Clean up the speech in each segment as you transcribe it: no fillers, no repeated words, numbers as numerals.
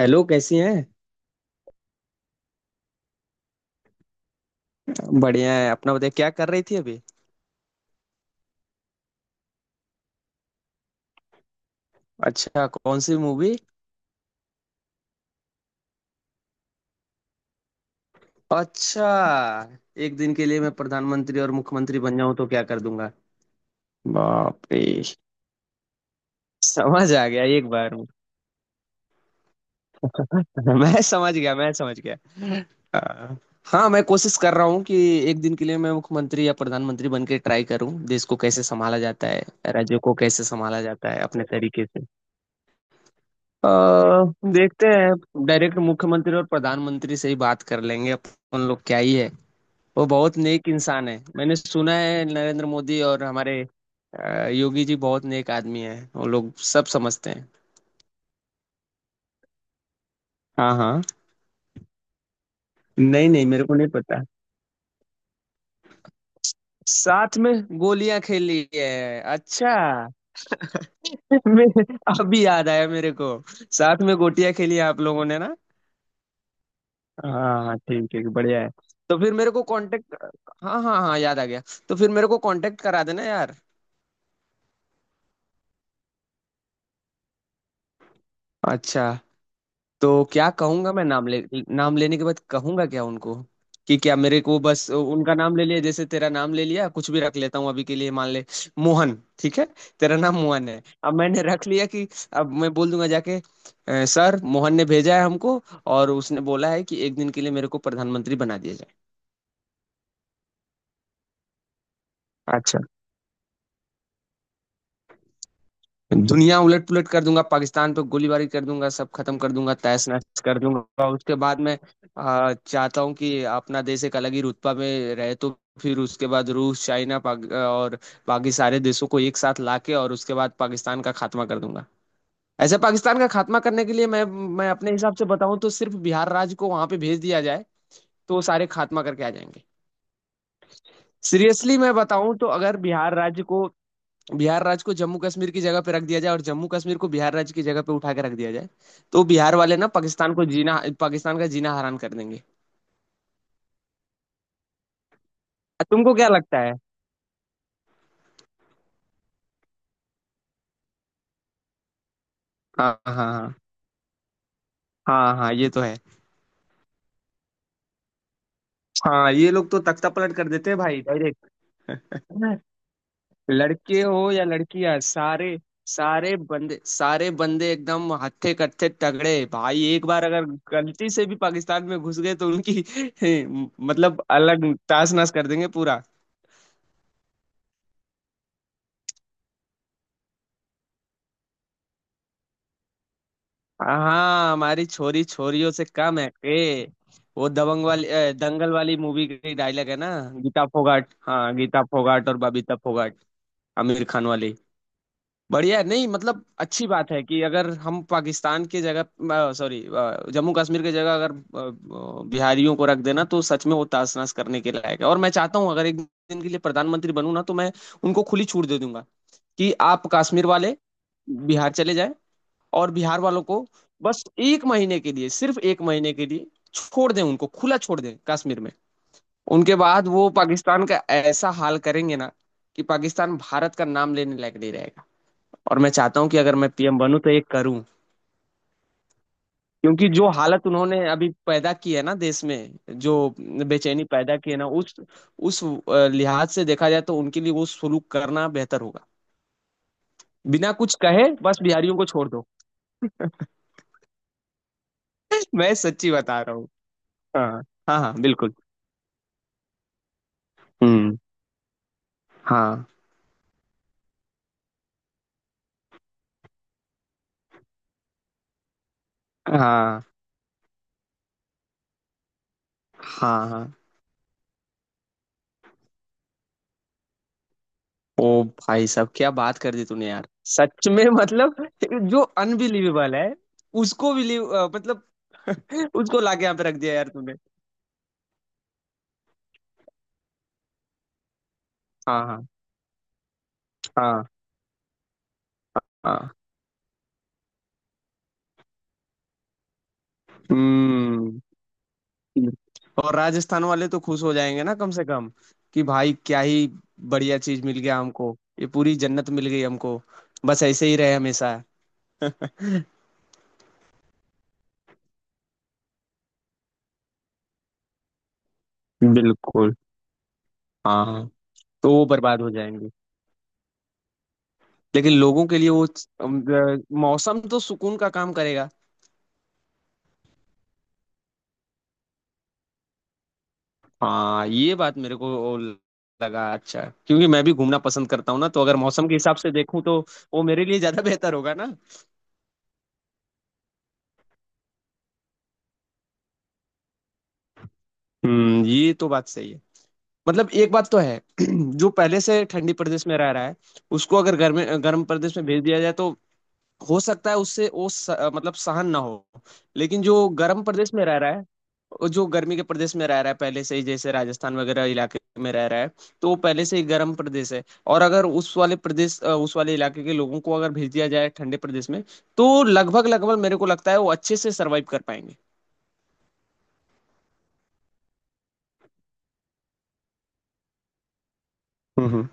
Hello, कैसी हैं। बढ़िया है। अपना बताइए, क्या कर रही थी अभी। अच्छा, कौन सी मूवी। अच्छा। एक दिन के लिए मैं प्रधानमंत्री और मुख्यमंत्री बन जाऊं तो क्या कर दूंगा। बाप रे। समझ आ गया एक बार में। मैं समझ गया, मैं समझ गया। हाँ। हाँ, मैं कोशिश कर रहा हूँ कि एक दिन के लिए मैं मुख्यमंत्री या प्रधानमंत्री बन के ट्राई करूँ, देश को कैसे संभाला जाता है, राज्यों को कैसे संभाला जाता है, अपने तरीके से। अ, देखते हैं, डायरेक्ट मुख्यमंत्री और प्रधानमंत्री से ही बात कर लेंगे अपन लोग, क्या ही है। वो बहुत नेक इंसान है, मैंने सुना है, नरेंद्र मोदी और हमारे योगी जी बहुत नेक आदमी है, वो लोग सब समझते हैं। हाँ हाँ। नहीं नहीं, मेरे को नहीं पता। साथ में गोलियां खेली है, अच्छा। मैं- अभी याद आया मेरे को, साथ में गोटियां खेली है आप लोगों ने ना। हाँ हाँ, ठीक ठीक, बढ़िया है। तो फिर मेरे को कांटेक्ट। हाँ हाँ हाँ, याद आ गया। तो फिर मेरे को कांटेक्ट करा देना यार। अच्छा। तो क्या कहूंगा मैं, नाम ले। नाम लेने के बाद कहूंगा क्या उनको। कि क्या, मेरे को बस उनका नाम ले लिया, जैसे तेरा नाम ले लिया, कुछ भी रख लेता हूँ अभी के लिए, मान ले। मोहन। ठीक है। तेरा नाम मोहन है, अब मैंने रख लिया कि अब मैं बोल दूंगा जाके, सर, मोहन ने भेजा है हमको, और उसने बोला है कि एक दिन के लिए मेरे को प्रधानमंत्री बना दिया जाए। अच्छा। दुनिया उलट पुलट कर दूंगा, पाकिस्तान पे गोलीबारी कर दूंगा, सब खत्म कर दूंगा, तहस नहस कर दूंगा, उसके बाद मैं चाहता हूँ कि अपना देश एक अलग ही रुतबा में रहे, तो फिर उसके बाद रूस, चाइना, और बाकी सारे देशों को एक साथ लाके, और उसके बाद पाकिस्तान का खात्मा कर दूंगा। ऐसे पाकिस्तान का खात्मा करने के लिए मैं अपने हिसाब से बताऊं तो सिर्फ बिहार राज्य को वहां पे भेज दिया जाए, तो वो सारे खात्मा करके आ जाएंगे। सीरियसली मैं बताऊं तो, अगर बिहार राज्य को जम्मू कश्मीर की जगह पे रख दिया जाए, और जम्मू कश्मीर को बिहार राज्य की जगह पे उठा के रख दिया जाए, तो बिहार वाले ना पाकिस्तान का जीना हराम कर देंगे। तुमको क्या लगता है? हाँ हाँ हाँ। हाँ हाँ, ये तो है। हाँ, ये लोग तो तख्ता पलट कर देते हैं भाई, डायरेक्ट। लड़के हो या लड़कियां, सारे सारे बंदे एकदम हत्थे कत्थे तगड़े भाई, एक बार अगर गलती से भी पाकिस्तान में घुस गए तो उनकी मतलब, अलग ताश नश कर देंगे पूरा। हाँ, हमारी छोरी छोरियों से कम है ए। वो दंगल वाली मूवी की डायलॉग है ना। गीता फोगाट, हाँ, गीता फोगाट और बबीता फोगाट। आमिर खान वाली। बढ़िया है, नहीं मतलब अच्छी बात है कि अगर हम पाकिस्तान की जगह, सॉरी, जम्मू कश्मीर की जगह अगर बिहारियों को रख देना तो सच में वो तासनस करने के लायक है। और मैं चाहता हूँ अगर एक दिन के लिए प्रधानमंत्री बनूं ना, तो मैं उनको खुली छूट दे दूंगा कि आप कश्मीर वाले बिहार चले जाए, और बिहार वालों को बस एक महीने के लिए, सिर्फ एक महीने के लिए छोड़ दें, उनको खुला छोड़ दें कश्मीर में। उनके बाद वो पाकिस्तान का ऐसा हाल करेंगे ना कि पाकिस्तान भारत का नाम लेने लायक नहीं रहेगा। और मैं चाहता हूं कि अगर मैं पीएम बनूं तो ये करूं। क्योंकि जो हालत उन्होंने अभी पैदा की है ना देश में, जो बेचैनी पैदा की है ना, उस लिहाज से देखा जाए तो उनके लिए वो सुलूक करना बेहतर होगा। बिना कुछ कहे, बस बिहारियों को छोड़ दो। मैं सच्ची बता रहा हूँ। हाँ। हाँ हाँ, बिल्कुल। हम्म। हाँ। हाँ हाँ हाँ। ओ भाई साहब, क्या बात कर दी तूने यार। सच में मतलब, जो अनबिलीवेबल है, उसको बिलीव मतलब, उसको लाके यहाँ पे रख दिया यार तूने। हाँ हाँ। हाँ। हाँ। हम्म। और राजस्थान वाले तो खुश हो जाएंगे ना कम से कम, कि भाई क्या ही बढ़िया चीज मिल गया हमको, ये पूरी जन्नत मिल गई हमको। बस ऐसे ही रहे हमेशा। बिल्कुल। हाँ। तो वो बर्बाद हो जाएंगे। लेकिन लोगों के लिए वो अम, मौसम तो सुकून का काम करेगा। हाँ, ये बात मेरे को लगा अच्छा, क्योंकि मैं भी घूमना पसंद करता हूँ ना, तो अगर मौसम के हिसाब से देखूं तो वो मेरे लिए ज्यादा बेहतर होगा ना। हम्म, ये तो बात सही है। मतलब एक बात तो है, जो पहले से ठंडी प्रदेश में रह रहा है, उसको अगर गर्म गर्म प्रदेश में भेज दिया जाए तो हो सकता है उससे वो मतलब सहन ना हो। लेकिन जो गर्म प्रदेश में रह रहा है, और जो गर्मी के प्रदेश में रह रहा है पहले से ही, जैसे राजस्थान वगैरह इलाके में रह रहा है, तो वो पहले से ही गर्म प्रदेश है। और अगर उस वाले इलाके के लोगों को अगर भेज दिया जाए ठंडे प्रदेश में, तो लगभग लगभग मेरे को लगता है वो अच्छे से सरवाइव कर पाएंगे। हम्म। हम्म।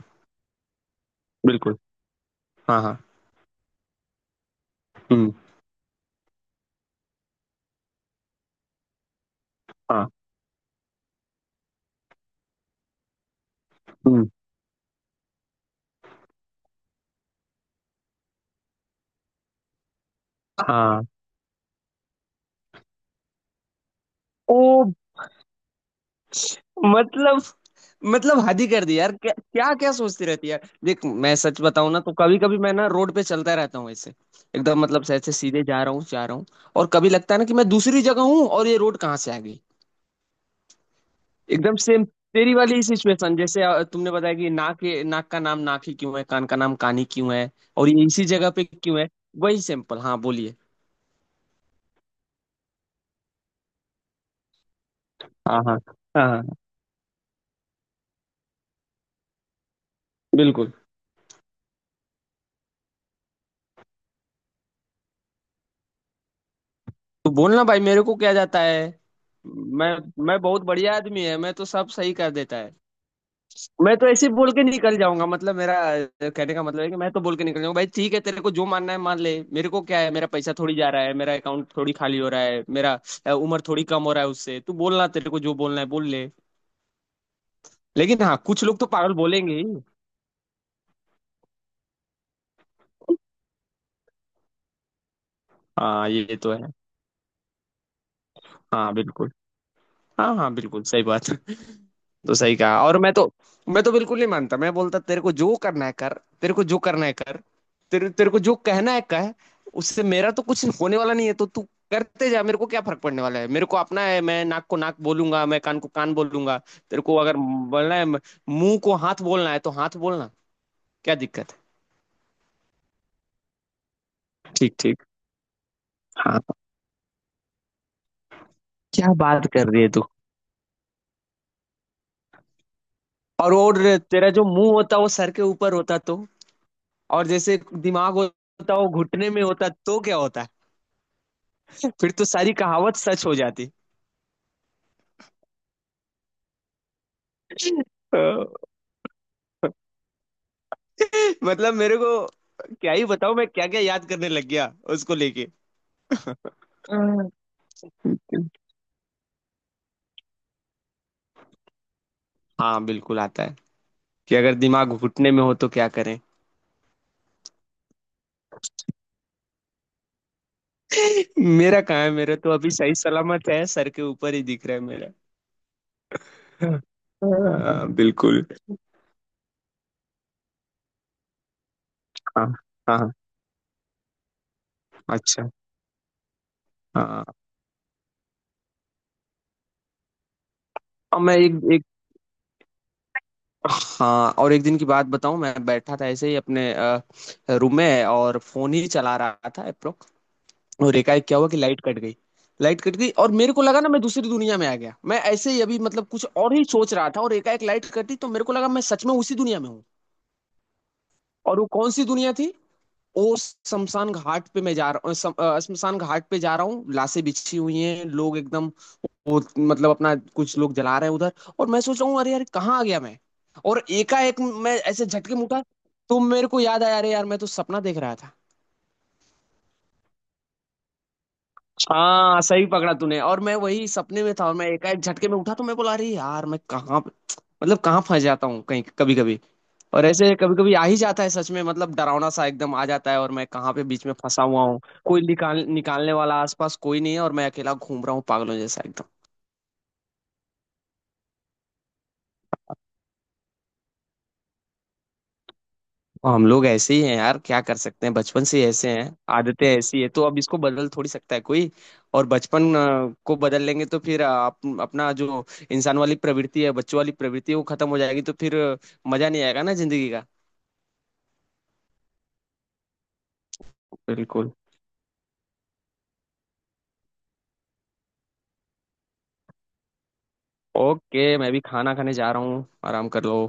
बिल्कुल। हाँ हाँ। हम्म। हाँ। हम्म। हाँ। ओ। मतलब मतलब, हद ही कर दी यार, क्या क्या क्या सोचती रहती है यार। देख, मैं सच बताऊं ना तो कभी कभी मैं ना रोड पे चलता रहता हूँ ऐसे, एकदम मतलब से ऐसे सीधे जा रहा हूँ जा रहा हूँ, और कभी लगता है ना कि मैं दूसरी जगह हूँ और ये रोड कहाँ से आ गई। एकदम सेम। तेरी वाली ही सिचुएशन, जैसे तुमने बताया कि नाक का नाम नाक ही क्यों है, कान का नाम कान ही क्यों है, और ये इसी जगह पे क्यों है। वही सिंपल, हाँ बोलिए। हाँ हाँ हाँ। हाँ, बिल्कुल। तो बोलना भाई, मेरे को क्या जाता है। मैं मैं बहुत बढ़िया आदमी है, मैं तो सब सही कर देता है। मैं तो ऐसे बोल के निकल जाऊंगा, मतलब मेरा कहने का मतलब है कि मैं तो बोल के निकल जाऊंगा, भाई ठीक है, तेरे को जो मानना है मान ले, मेरे को क्या है, मेरा पैसा थोड़ी जा रहा है, मेरा अकाउंट थोड़ी खाली हो रहा है, मेरा उम्र थोड़ी कम हो रहा है उससे, तू बोलना, तेरे को जो बोलना है बोल ले। लेकिन हाँ, कुछ लोग तो पागल बोलेंगे ही। हाँ, ये तो है। हाँ बिल्कुल। हाँ हाँ, बिल्कुल सही बात। तो सही कहा। और मैं तो, मैं तो बिल्कुल नहीं मानता, मैं बोलता तेरे को जो करना है कर, तेरे को जो करना है कर, तेरे तेरे को जो कहना है कह, उससे मेरा तो कुछ होने वाला नहीं है, तो तू करते जा, मेरे को क्या फर्क पड़ने वाला है, मेरे को अपना है, मैं नाक को नाक बोलूंगा, मैं कान को कान बोलूंगा। तेरे को अगर बोलना है मुंह को हाथ बोलना है तो हाथ बोलना। क्या दिक्कत है? ठीक ठीक। हाँ, क्या बात कर रही है तू। और तेरा जो मुंह होता वो सर के ऊपर होता तो, और जैसे दिमाग होता वो घुटने में होता, तो क्या होता। फिर तो सारी कहावत सच हो जाती। अ, मतलब मेरे को क्या ही बताऊं, मैं क्या क्या याद करने लग गया उसको लेके। हम्म। हाँ बिल्कुल आता है, कि अगर दिमाग घुटने में हो तो क्या करें। मेरा कहाँ है, मेरा तो अभी सही सलामत है, सर के ऊपर ही दिख रहा है मेरा। हाँ बिल्कुल। हाँ हाँ हाँ, अच्छा, हाँ। और मैं एक हाँ, और एक दिन की बात बताऊं, मैं बैठा था ऐसे ही अपने रूम में और फोन ही चला रहा था एप्रो, और एकाएक क्या हुआ कि लाइट कट गई। लाइट कट गई और मेरे को लगा ना मैं दूसरी दुनिया में आ गया, मैं ऐसे ही अभी मतलब कुछ और ही सोच रहा था, और एकाएक लाइट कटी तो मेरे को लगा मैं सच में उसी दुनिया में हूँ। और वो कौन सी दुनिया थी। वो शमशान घाट पे मैं जा रहा हूँ, शमशान घाट पे जा रहा हूँ, लाशें बिछी हुई हैं, लोग एकदम, वो मतलब अपना, कुछ लोग जला रहे हैं उधर, और मैं सोच रहा हूँ, अरे यार कहाँ आ गया मैं। और एकाएक मैं ऐसे झटके में उठा, तो मेरे को याद आया, अरे यार, मैं तो सपना देख रहा था। हाँ, सही पकड़ा तूने, और मैं वही सपने में था, और मैं एकाएक झटके में उठा तो मैं बोला, अरे यार, मैं कहाँ, मतलब कहाँ फंस जाता हूँ कहीं कभी कभी। और ऐसे कभी कभी आ ही जाता है सच में, मतलब डरावना सा एकदम आ जाता है, और मैं कहाँ पे बीच में फंसा हुआ हूँ। कोई निकालने वाला आसपास कोई नहीं है, और मैं अकेला घूम रहा हूँ पागलों जैसा एकदम। और हम लोग ऐसे ही हैं यार, क्या कर सकते हैं, बचपन से ही ऐसे हैं। आदतें ऐसी है तो अब इसको बदल थोड़ी सकता है कोई। और बचपन को बदल लेंगे तो फिर आप अपना जो इंसान वाली प्रवृत्ति है, बच्चों वाली प्रवृत्ति है, वो खत्म हो जाएगी तो फिर मजा नहीं आएगा ना जिंदगी का। बिल्कुल। ओके, मैं भी खाना खाने जा रहा हूँ, आराम कर लो।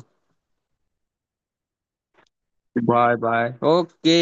Bye bye, okay.